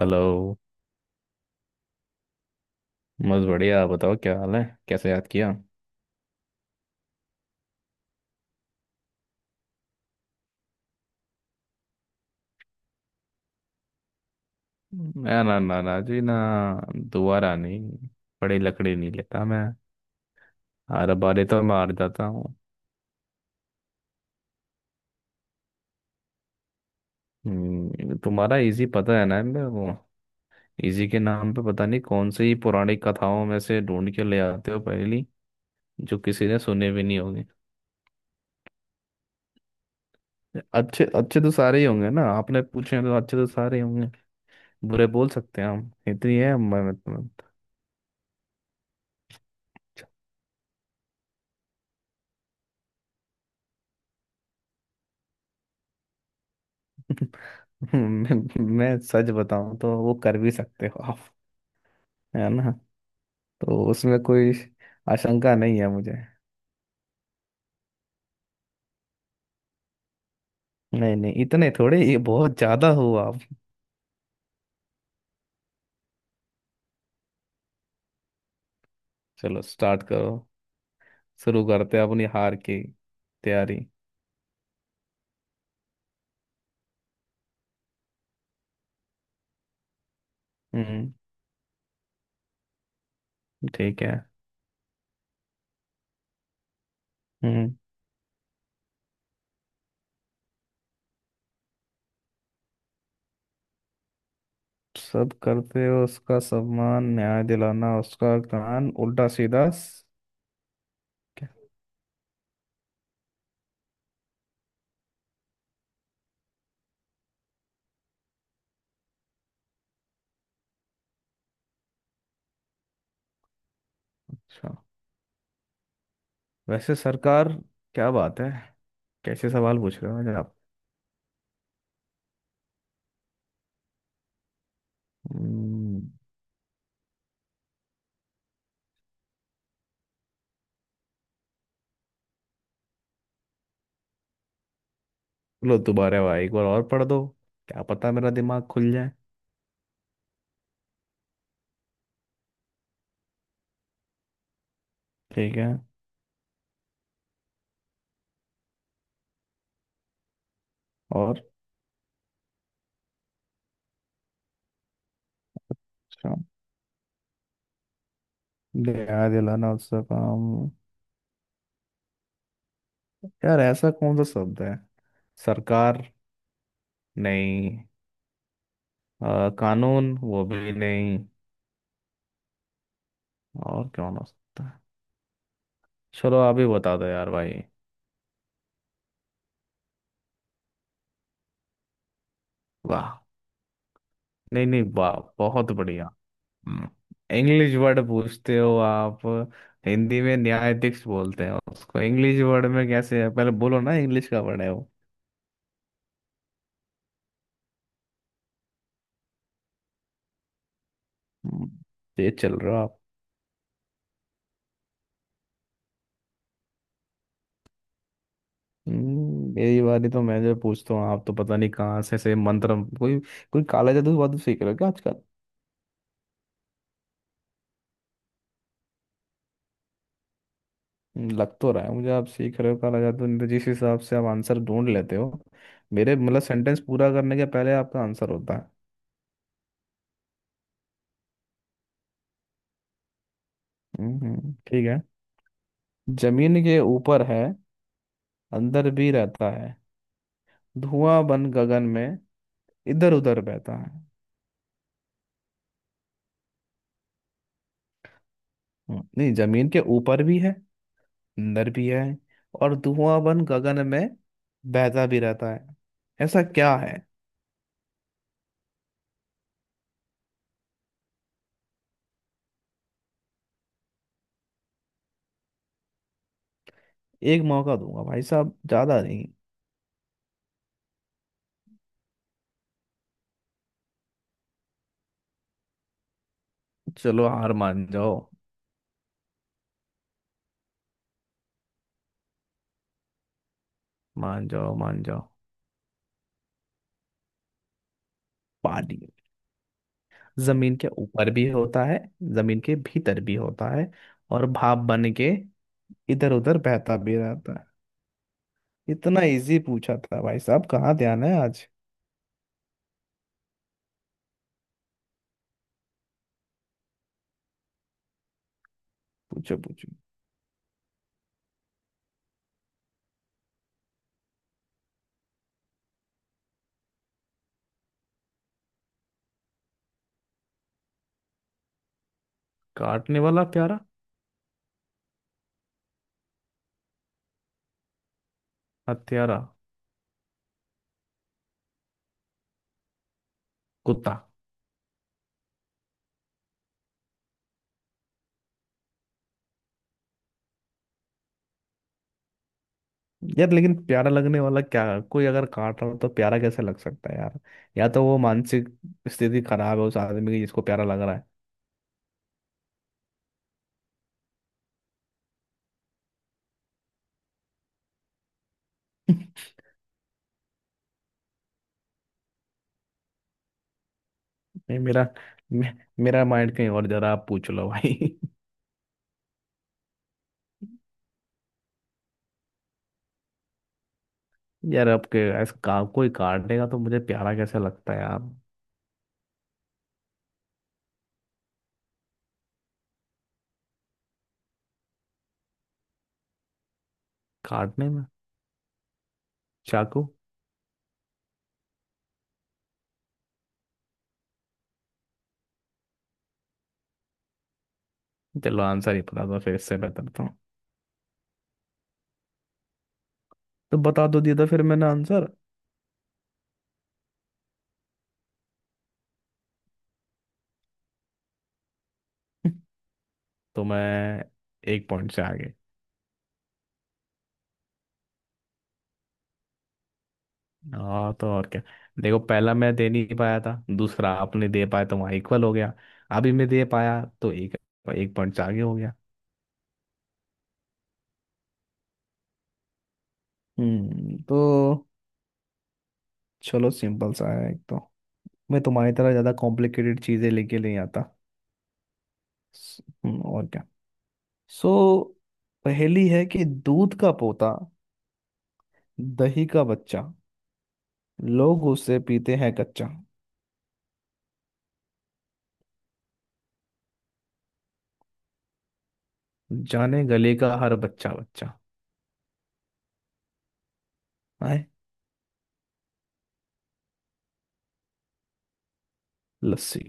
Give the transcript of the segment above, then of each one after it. Hello. बस बढ़िया। आप बताओ, क्या हाल है? कैसे याद किया? मैं? ना ना ना जी, ना। दोबारा नहीं। बड़ी लकड़ी नहीं लेता मैं। हर बारे तो मैं हार जाता हूँ। तुम्हारा इजी पता है ना, मैं वो इजी के नाम पे पता नहीं कौन सी पुरानी कथाओं में से ढूंढ के ले आते हो पहली, जो किसी ने सुने भी नहीं होंगे। अच्छे अच्छे तो सारे ही होंगे ना, आपने पूछे हैं तो अच्छे तो सारे ही होंगे। बुरे बोल सकते हैं, हम इतनी है मैं। मैं सच बताऊं तो वो कर भी सकते हो आप। है ना, तो उसमें कोई आशंका नहीं है मुझे। नहीं नहीं, इतने थोड़े, ये बहुत ज्यादा हो आप। चलो स्टार्ट करो। शुरू करते हैं अपनी हार की तैयारी। हम्म। ठीक है। हम्म। सब करते हो उसका सम्मान। न्याय दिलाना उसका कान। उल्टा सीधा क्या? अच्छा, वैसे सरकार, क्या बात है? कैसे सवाल पूछ रहे हो मुझे आप? हम्म, लो तुम्हारे भाई, एक बार और पढ़ दो। क्या पता मेरा दिमाग खुल जाए। ठीक है। और? अच्छा, दया दिलाना उसका काम। यार, ऐसा कौन सा शब्द है? सरकार? नहीं। कानून? वो भी नहीं। और कौन हो सकता है? चलो, आप ही बता दो यार भाई। वाह! नहीं नहीं, वाह, बहुत बढ़िया। हम्म, इंग्लिश वर्ड पूछते हो आप? हिंदी में न्यायाधीश बोलते हैं उसको। इंग्लिश वर्ड में कैसे है, पहले बोलो ना। इंग्लिश का वर्ड है वो? हम्म, तेज चल रहे हो आप। मेरी बारी, तो मैं जो पूछता हूँ आप तो पता नहीं कहाँ से मंत्र कोई कोई काला जादू वादू सीख रहे हो क्या आजकल? लग तो रहा है मुझे, आप सीख रहे हो काला जादू, नहीं तो जिस हिसाब से आप आंसर ढूंढ लेते हो, मेरे मतलब सेंटेंस पूरा करने के पहले आपका आंसर होता है। ठीक है। जमीन के ऊपर है, अंदर भी रहता है। धुआं बन गगन में इधर उधर बहता है। नहीं, जमीन के ऊपर भी है, अंदर भी है, और धुआं बन गगन में बहता भी रहता है। ऐसा क्या है? एक मौका दूंगा भाई साहब, ज्यादा नहीं। चलो, हार मान जाओ। मान जाओ मान जाओ। पानी। जमीन के ऊपर भी होता है, जमीन के भीतर भी होता है, और भाप बन के इधर उधर बहता भी रहता है। इतना इजी पूछा था भाई साहब, कहाँ ध्यान है आज? पूछो पूछो। काटने वाला प्यारा हत्यारा? कुत्ता। यार, लेकिन प्यारा लगने वाला क्या? कोई अगर काट रहा हो तो प्यारा कैसे लग सकता है यार? या तो वो मानसिक स्थिति खराब है उस आदमी की, जिसको प्यारा लग रहा है। नहीं, मे, मेरा माइंड कहीं और, जरा आप पूछ लो भाई। यार, आपके ऐसा कोई काटनेगा तो मुझे प्यारा कैसे लगता है यार? काटने में? चाकू। चलो, आंसर ही पता था, फिर इससे बेहतर था तो बता दो दिया था फिर मैंने आंसर। तो मैं एक पॉइंट से आगे। हाँ, तो और क्या। देखो, पहला मैं दे नहीं पाया था, दूसरा आपने दे पाया तो वहाँ इक्वल हो गया। अभी मैं दे पाया तो एक एक पॉइंट से आगे हो गया। तो चलो, सिंपल सा है एक तो। मैं तुम्हारी तरह ज़्यादा कॉम्प्लिकेटेड चीज़ें लेके नहीं आता। और क्या। सो, पहेली है कि दूध का पोता, दही का बच्चा, लोग उसे पीते हैं कच्चा, जाने गले का हर बच्चा बच्चा आए। लस्सी।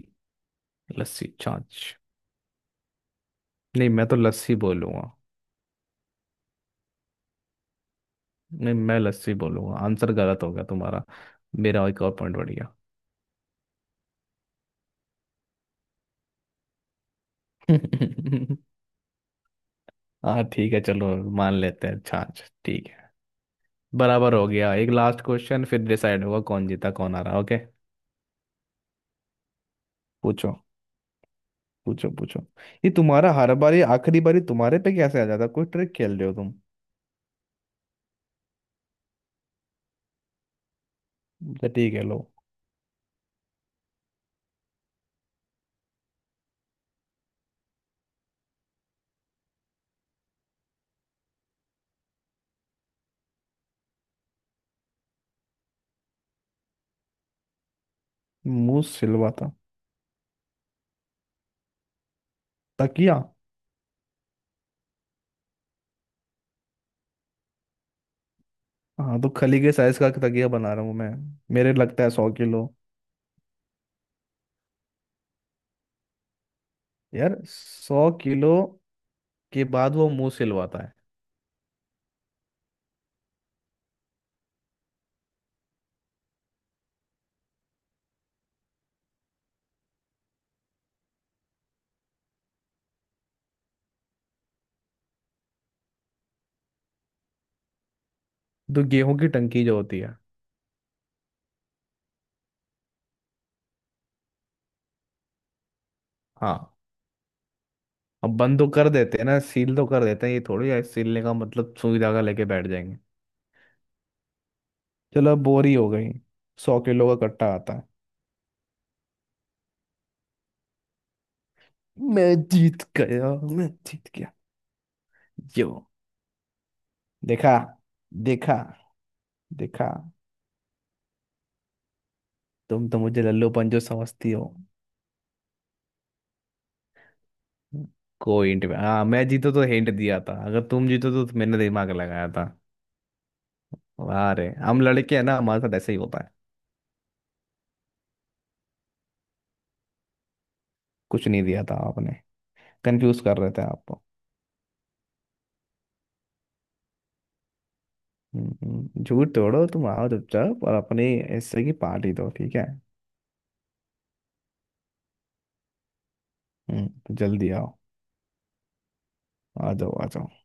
लस्सी छाछ। नहीं, मैं तो लस्सी बोलूंगा। नहीं, मैं लस्सी बोलूंगा, आंसर गलत हो गया तुम्हारा। मेरा एक और पॉइंट बढ़ गया। हाँ ठीक है, चलो, मान लेते हैं छाछ। ठीक है। बराबर हो गया। एक लास्ट क्वेश्चन, फिर डिसाइड होगा कौन जीता कौन हारा। ओके। पूछो पूछो पूछो। ये तुम्हारा, हर बार ये आखिरी बारी तुम्हारे पे कैसे आ जाता? कोई ट्रिक खेल रहे हो तुम? तो ठीक है, लो। मुंह सिलवाता? तकिया। हाँ, तो खली के साइज का तकिया बना रहा हूँ मैं? मेरे लगता है 100 किलो? यार, 100 किलो के बाद वो मुंह सिलवाता है, तो गेहूं की टंकी जो होती है। हाँ, अब बंद तो कर देते हैं ना, सील तो कर देते हैं, ये थोड़ी है सीलने का मतलब सुई धागा लेके बैठ जाएंगे। चलो, अब बोरी हो गई। 100 किलो का कट्टा आता है। मैं जीत गया! मैं जीत गया! यो! देखा? देखा? देखा? तुम तो मुझे लल्लूपन जो समझती हो। कोई हिंट? हाँ, मैं जीतो तो हिंट दिया था, अगर तुम जीतो तो मैंने दिमाग लगाया था। वाह रे, हम लड़के हैं ना, हमारे साथ ऐसे ही होता है। कुछ नहीं दिया था आपने। कंफ्यूज कर रहे थे आपको। झूठ तोड़ो, तुम आओ चुपचाप और अपने हिस्से की पार्टी दो, ठीक है। जल्दी आओ। आ जाओ आ जाओ।